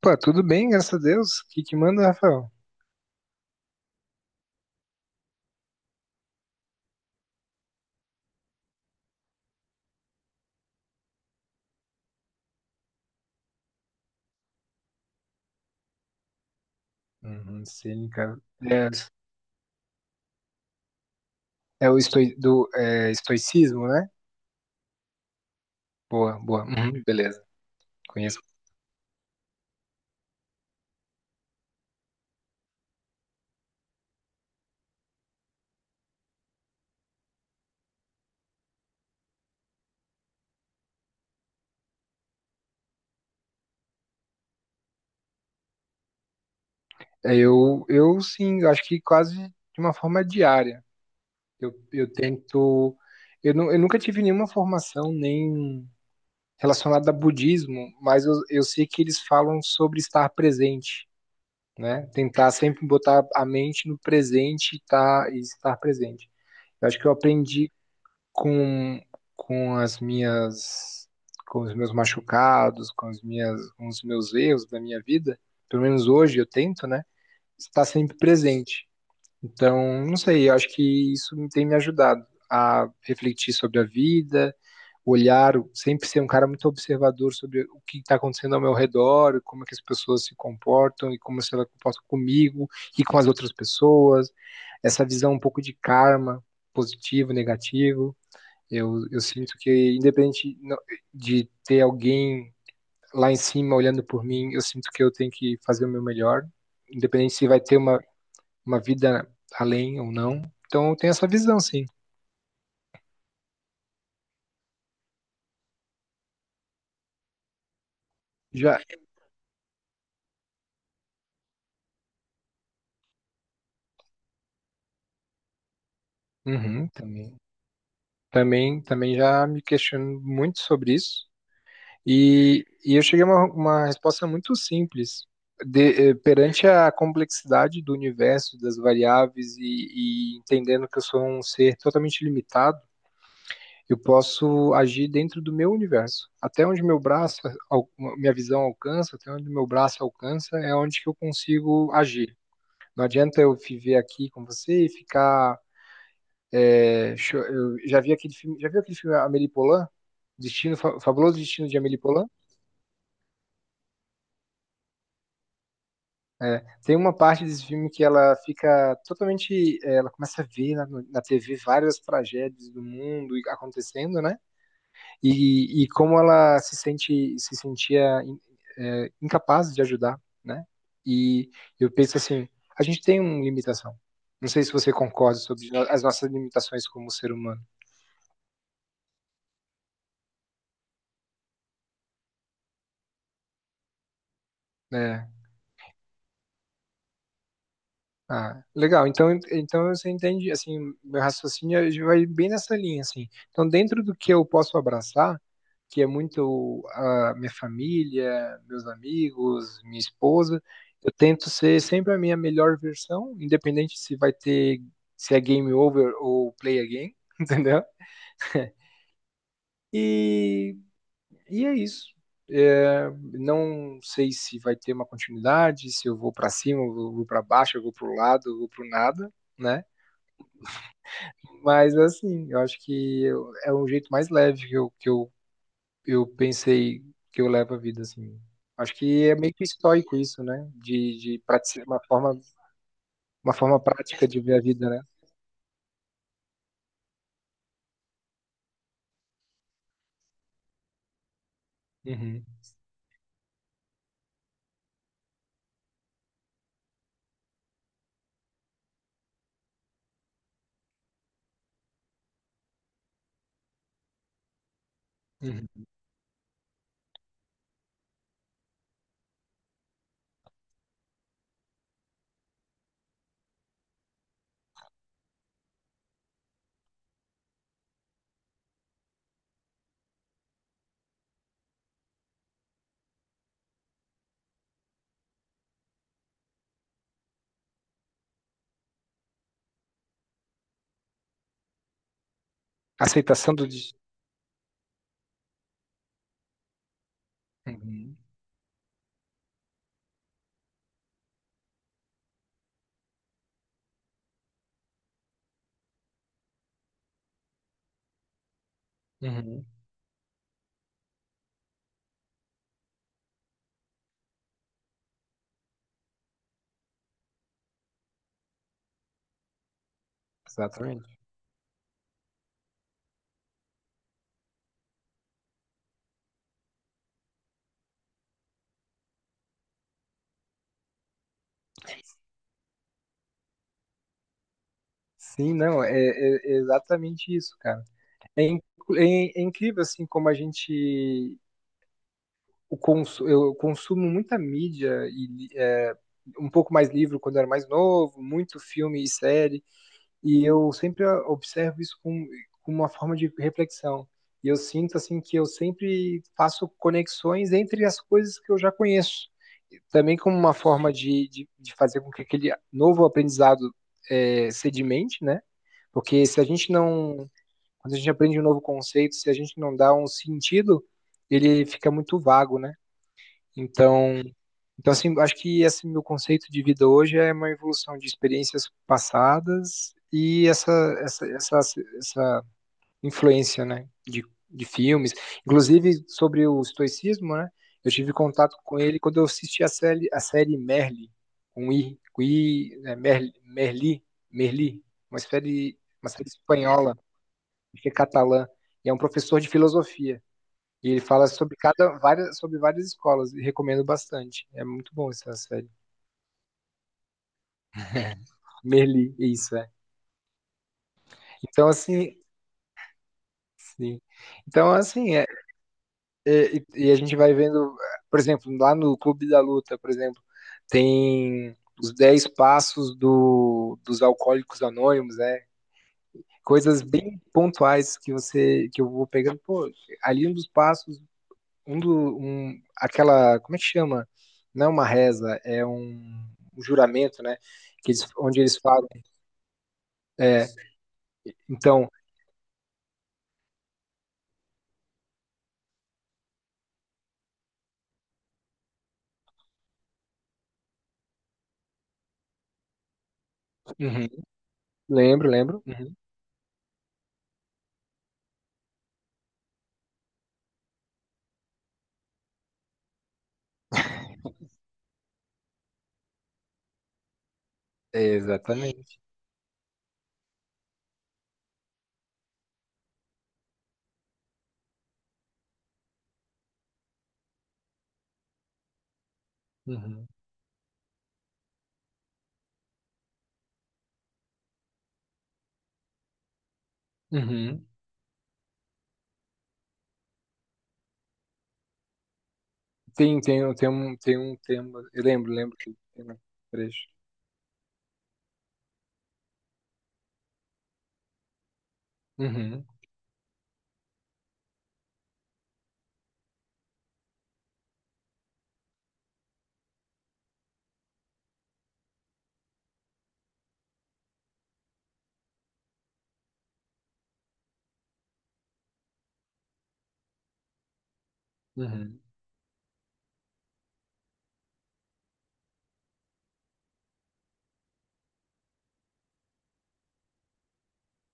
Pô, tudo bem, graças a Deus. O que que manda, Rafael? Uhum, sim, cara. É o estoicismo, né? Boa, boa. Uhum, beleza, conheço. Sim, eu acho que quase de uma forma diária. Eu tento... Eu nunca tive nenhuma formação nem relacionada a budismo, mas eu sei que eles falam sobre estar presente, né? Tentar sempre botar a mente no presente e, tá, e estar presente. Eu acho que eu aprendi com, com as minhas, com os meus machucados, com as minhas, com os meus erros da minha vida, pelo menos hoje eu tento, né, estar sempre presente. Então, não sei, eu acho que isso tem me ajudado a refletir sobre a vida, olhar, sempre ser um cara muito observador sobre o que está acontecendo ao meu redor, como é que as pessoas se comportam e como se elas comportam comigo e com as outras pessoas, essa visão um pouco de karma, positivo, negativo. Eu sinto que, independente no- de ter alguém lá em cima olhando por mim, eu sinto que eu tenho que fazer o meu melhor, independente se vai ter uma vida além ou não. Então, eu tenho essa visão, sim. Já, uhum, também já me questiono muito sobre isso. E eu cheguei a uma resposta muito simples. Perante a complexidade do universo, das variáveis e entendendo que eu sou um ser totalmente limitado. Eu posso agir dentro do meu universo. Até onde meu braço, minha visão alcança, até onde meu braço alcança, é onde que eu consigo agir. Não adianta eu viver aqui com você e ficar. Eu já vi aquele filme, já viu aquele filme Amélie Poulain? Destino, Fabuloso Destino de Amélie Poulain? É, tem uma parte desse filme que ela fica totalmente. É, ela começa a ver na TV várias tragédias do mundo e acontecendo, né? E como ela se sentia é, incapaz de ajudar, né? E eu penso assim, a gente tem uma limitação. Não sei se você concorda sobre as nossas limitações como ser humano, né? Ah, legal. Então, então você entende, assim, meu raciocínio já vai bem nessa linha, assim. Então, dentro do que eu posso abraçar, que é muito a minha família, meus amigos, minha esposa, eu tento ser sempre a minha melhor versão, independente se vai ter, se é game over ou play again, entendeu? E, e é isso. É, não sei se vai ter uma continuidade, se eu vou para cima, eu vou para baixo, eu vou para o lado, eu vou para o nada, né? Mas assim, eu acho que é um jeito mais leve que eu pensei que eu levo a vida, assim. Acho que é meio que estoico isso, né? Uma forma prática de ver a vida, né? Uhum, uhum. Aceitação do. Uhum, uhum. Exatamente. Sim, não, é exatamente isso, cara. É, in- É incrível, assim, como a gente eu consumo muita mídia um pouco mais livro quando eu era mais novo, muito filme e série, e eu sempre observo isso com uma forma de reflexão. E eu sinto assim que eu sempre faço conexões entre as coisas que eu já conheço, também como uma forma de fazer com que aquele novo aprendizado é, sedimente, né? Porque se a gente não, quando a gente aprende um novo conceito, se a gente não dá um sentido, ele fica muito vago, né? Então, então assim, acho que esse meu conceito de vida hoje é uma evolução de experiências passadas e essa essa, essa influência, né, de filmes, inclusive sobre o estoicismo, né? Eu tive contato com ele quando eu assisti a série Merli, um i, com i, né, Merli, uma série espanhola, acho que é catalã, e é um professor de filosofia. E ele fala sobre cada várias sobre várias escolas e recomendo bastante. É muito bom essa série. Merli, isso é. Então assim, sim. Então assim, e a gente vai vendo, por exemplo, lá no Clube da Luta, por exemplo, tem os 10 passos dos alcoólicos anônimos, né? Coisas bem pontuais que você que eu vou pegando, pô, ali um dos passos aquela, como é que chama? Não é uma reza, um juramento, né? Onde eles falam. É, então, uhum, lembro. Uhum, é, exatamente. Uhum, uhum. Tem um tema. Eu lembro que tem um trecho. Uhum, uhum,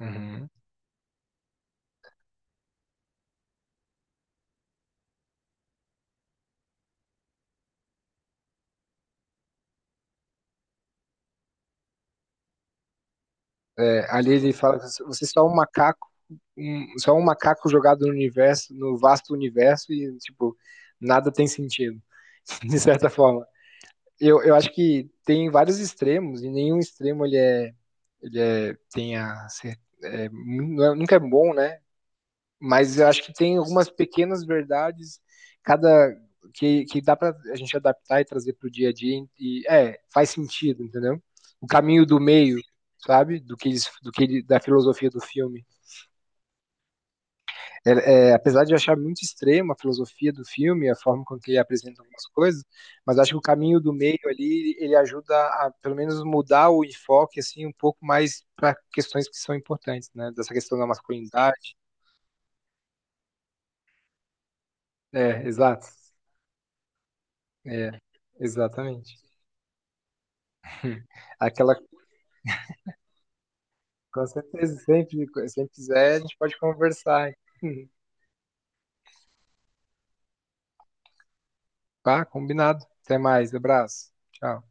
uhum. É, ali ele fala, que você é só um macaco, só um macaco jogado no universo, no vasto universo, e tipo, nada tem sentido, de certa forma. Eu acho que tem vários extremos e nenhum extremo ele é tem a ser- é, nu- é- nunca é bom, né? Mas eu acho que tem algumas pequenas verdades cada que dá para a gente adaptar e trazer para o dia a dia e é faz sentido, entendeu? O caminho do meio, sabe? Do que eles- do que ele- Da filosofia do filme. Apesar de eu achar muito extrema a filosofia do filme, a forma com que ele apresenta algumas coisas, mas acho que o caminho do meio ali, ele ajuda a, pelo menos, mudar o enfoque, assim, um pouco mais para questões que são importantes, né? Dessa questão da masculinidade. É, exato. É, exatamente. Aquela, com certeza, sempre, sempre quiser, a gente pode conversar. Tá, combinado. Até mais, abraço. Tchau.